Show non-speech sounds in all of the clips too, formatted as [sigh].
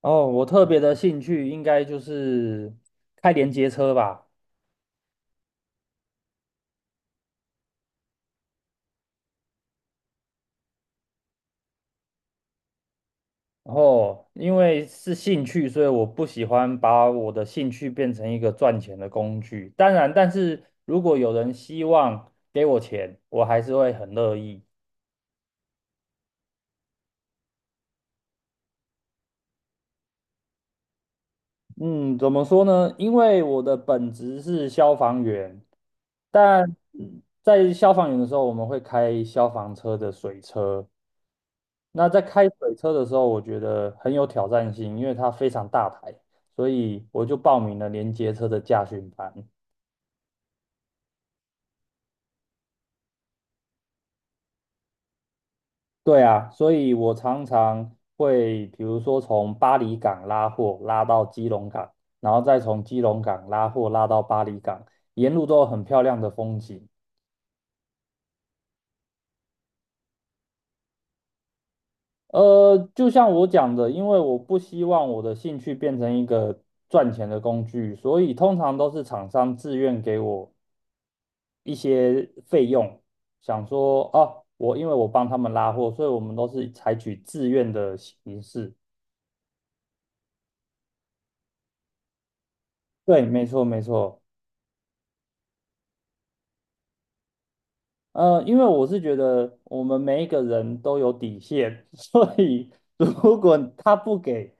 哦，我特别的兴趣应该就是开连接车吧。然后因为是兴趣，所以我不喜欢把我的兴趣变成一个赚钱的工具。当然，但是如果有人希望给我钱，我还是会很乐意。嗯，怎么说呢？因为我的本职是消防员，但在消防员的时候，我们会开消防车的水车。那在开水车的时候，我觉得很有挑战性，因为它非常大台，所以我就报名了连接车的驾训班。对啊，所以我常常会，比如说从巴黎港拉货拉到基隆港，然后再从基隆港拉货拉到巴黎港，沿路都有很漂亮的风景。就像我讲的，因为我不希望我的兴趣变成一个赚钱的工具，所以通常都是厂商自愿给我一些费用，想说哦，因为我帮他们拉货，所以我们都是采取自愿的形式。对，没错没错。因为我是觉得我们每一个人都有底线，[laughs] 所以如果他不给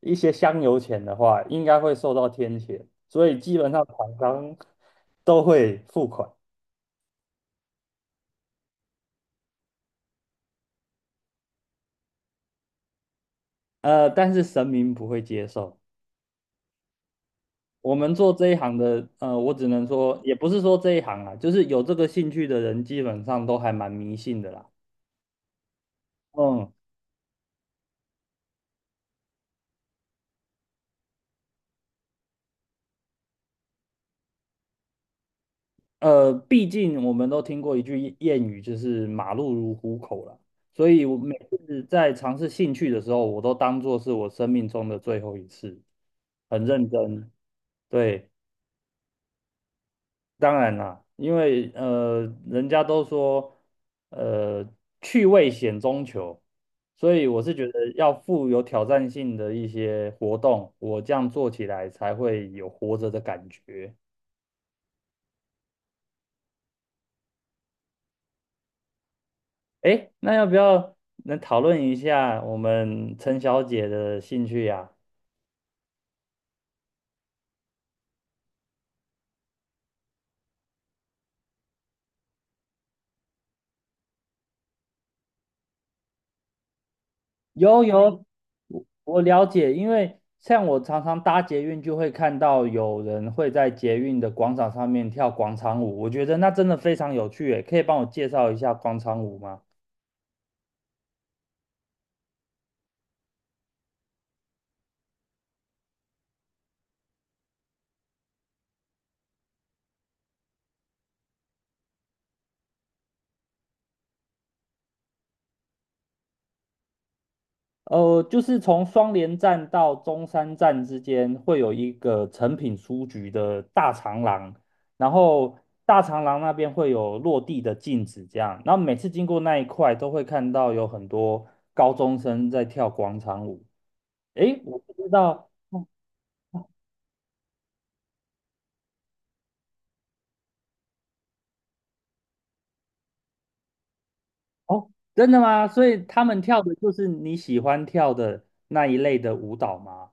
一些香油钱的话，应该会受到天谴，所以基本上厂商都会付款，但是神明不会接受。我们做这一行的，我只能说，也不是说这一行啊，就是有这个兴趣的人，基本上都还蛮迷信的啦。嗯，毕竟我们都听过一句谚语，就是"马路如虎口"啦。所以我每次在尝试兴趣的时候，我都当做是我生命中的最后一次，很认真。对。当然啦，因为人家都说呃，趣味险中求，所以我是觉得要富有挑战性的一些活动，我这样做起来才会有活着的感觉。诶，那要不要能讨论一下我们陈小姐的兴趣呀。有有，我了解，因为像我常常搭捷运，就会看到有人会在捷运的广场上面跳广场舞，我觉得那真的非常有趣耶，可以帮我介绍一下广场舞吗？就是从双连站到中山站之间会有一个成品书局的大长廊，然后大长廊那边会有落地的镜子，这样，然后每次经过那一块都会看到有很多高中生在跳广场舞。诶，我不知道。哦，真的吗？所以他们跳的就是你喜欢跳的那一类的舞蹈吗？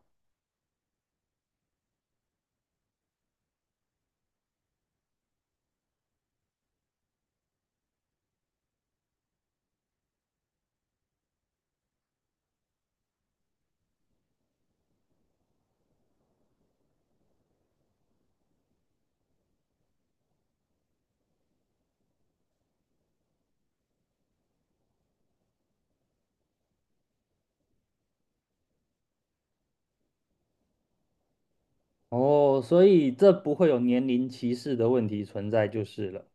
哦，所以这不会有年龄歧视的问题存在就是了。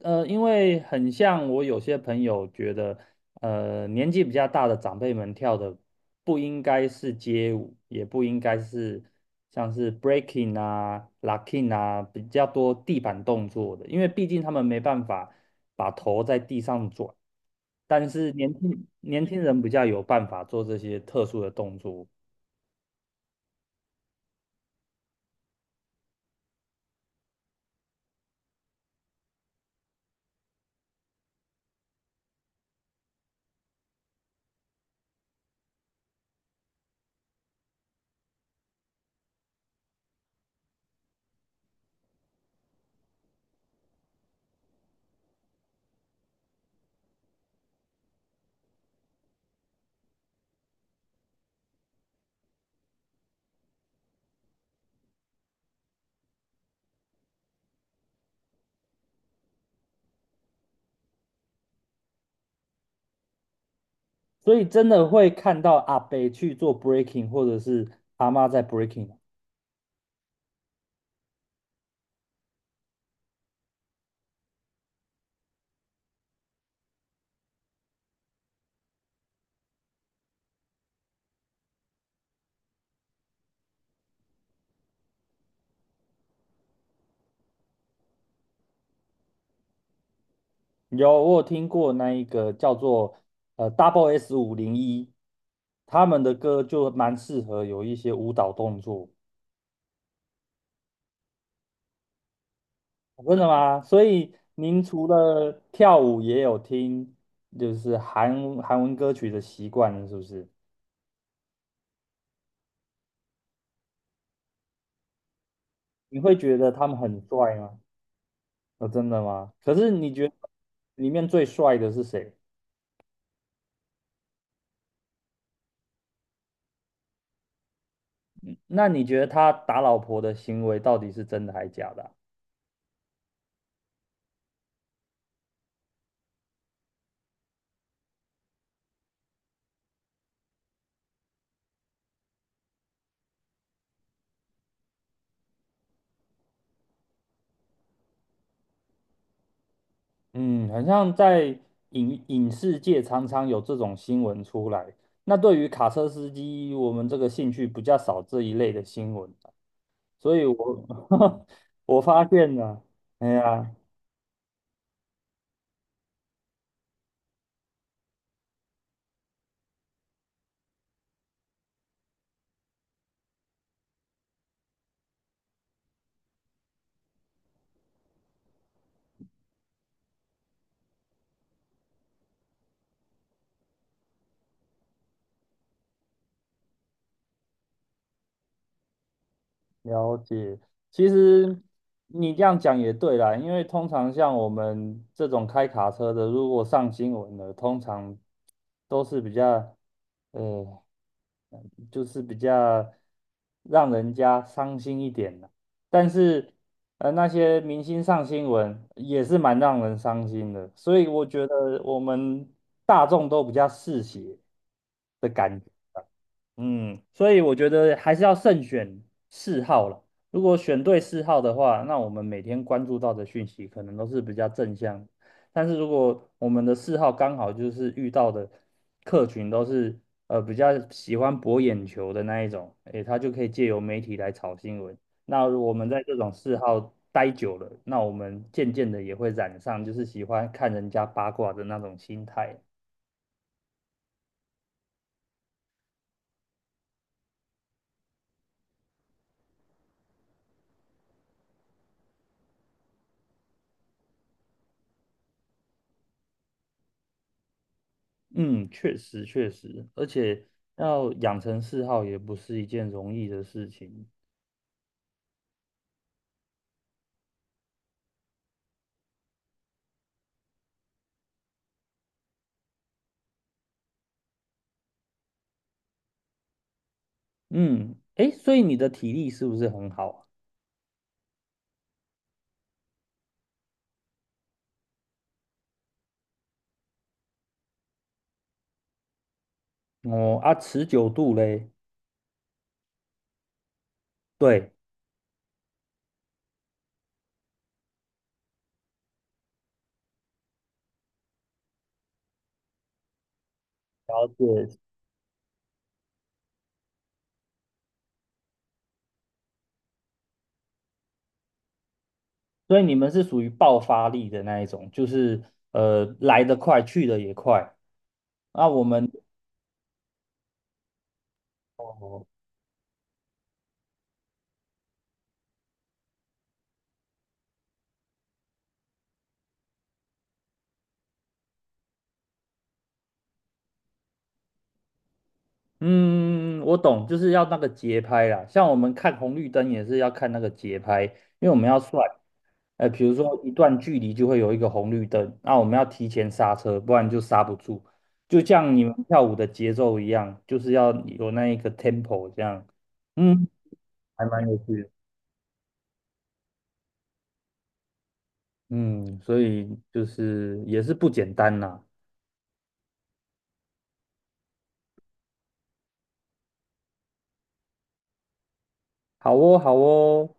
因为很像我有些朋友觉得，年纪比较大的长辈们跳的不应该是街舞，也不应该是像是 breaking 啊、locking 啊比较多地板动作的，因为毕竟他们没办法把头在地上转，但是年轻人比较有办法做这些特殊的动作，所以真的会看到阿伯去做 breaking，或者是阿妈在 breaking。有，我有听过那一个叫做Double S 501，他们的歌就蛮适合有一些舞蹈动作。真的吗？所以您除了跳舞，也有听就是韩文歌曲的习惯了，是不是？你会觉得他们很帅吗？哦，真的吗？可是你觉得里面最帅的是谁？那你觉得他打老婆的行为到底是真的还假的啊？嗯，很像在影视界常常有这种新闻出来。那对于卡车司机，我们这个兴趣比较少这一类的新闻，所以我 [laughs] 我发现了，哎呀，了解。其实你这样讲也对啦，因为通常像我们这种开卡车的，如果上新闻的，通常都是比较呃就是比较让人家伤心一点的。但是，那些明星上新闻也是蛮让人伤心的，所以我觉得我们大众都比较嗜血。的感嗯，所以我觉得还是要慎选嗜好了。如果选对嗜好的话，那我们每天关注到的讯息可能都是比较正向的，但是如果我们的嗜好刚好就是遇到的客群都是比较喜欢博眼球的那一种，诶，他就可以借由媒体来炒新闻。那如果我们在这种嗜好待久了，那我们渐渐的也会染上就是喜欢看人家八卦的那种心态。嗯，确实确实，而且要养成嗜好也不是一件容易的事情。嗯，诶，所以你的体力是不是很好啊？哦啊，持久度嘞？对，了解。所以你们是属于爆发力的那一种，就是来得快，去得也快。那我们哦，嗯，我懂，就是要那个节拍啦。像我们看红绿灯也是要看那个节拍，因为我们要算，比如说一段距离就会有一个红绿灯，那我们要提前刹车，不然就刹不住。就像你们跳舞的节奏一样，就是要有那一个 tempo 这样。嗯，还蛮有趣的。嗯，所以就是也是不简单啦。好哦，好哦。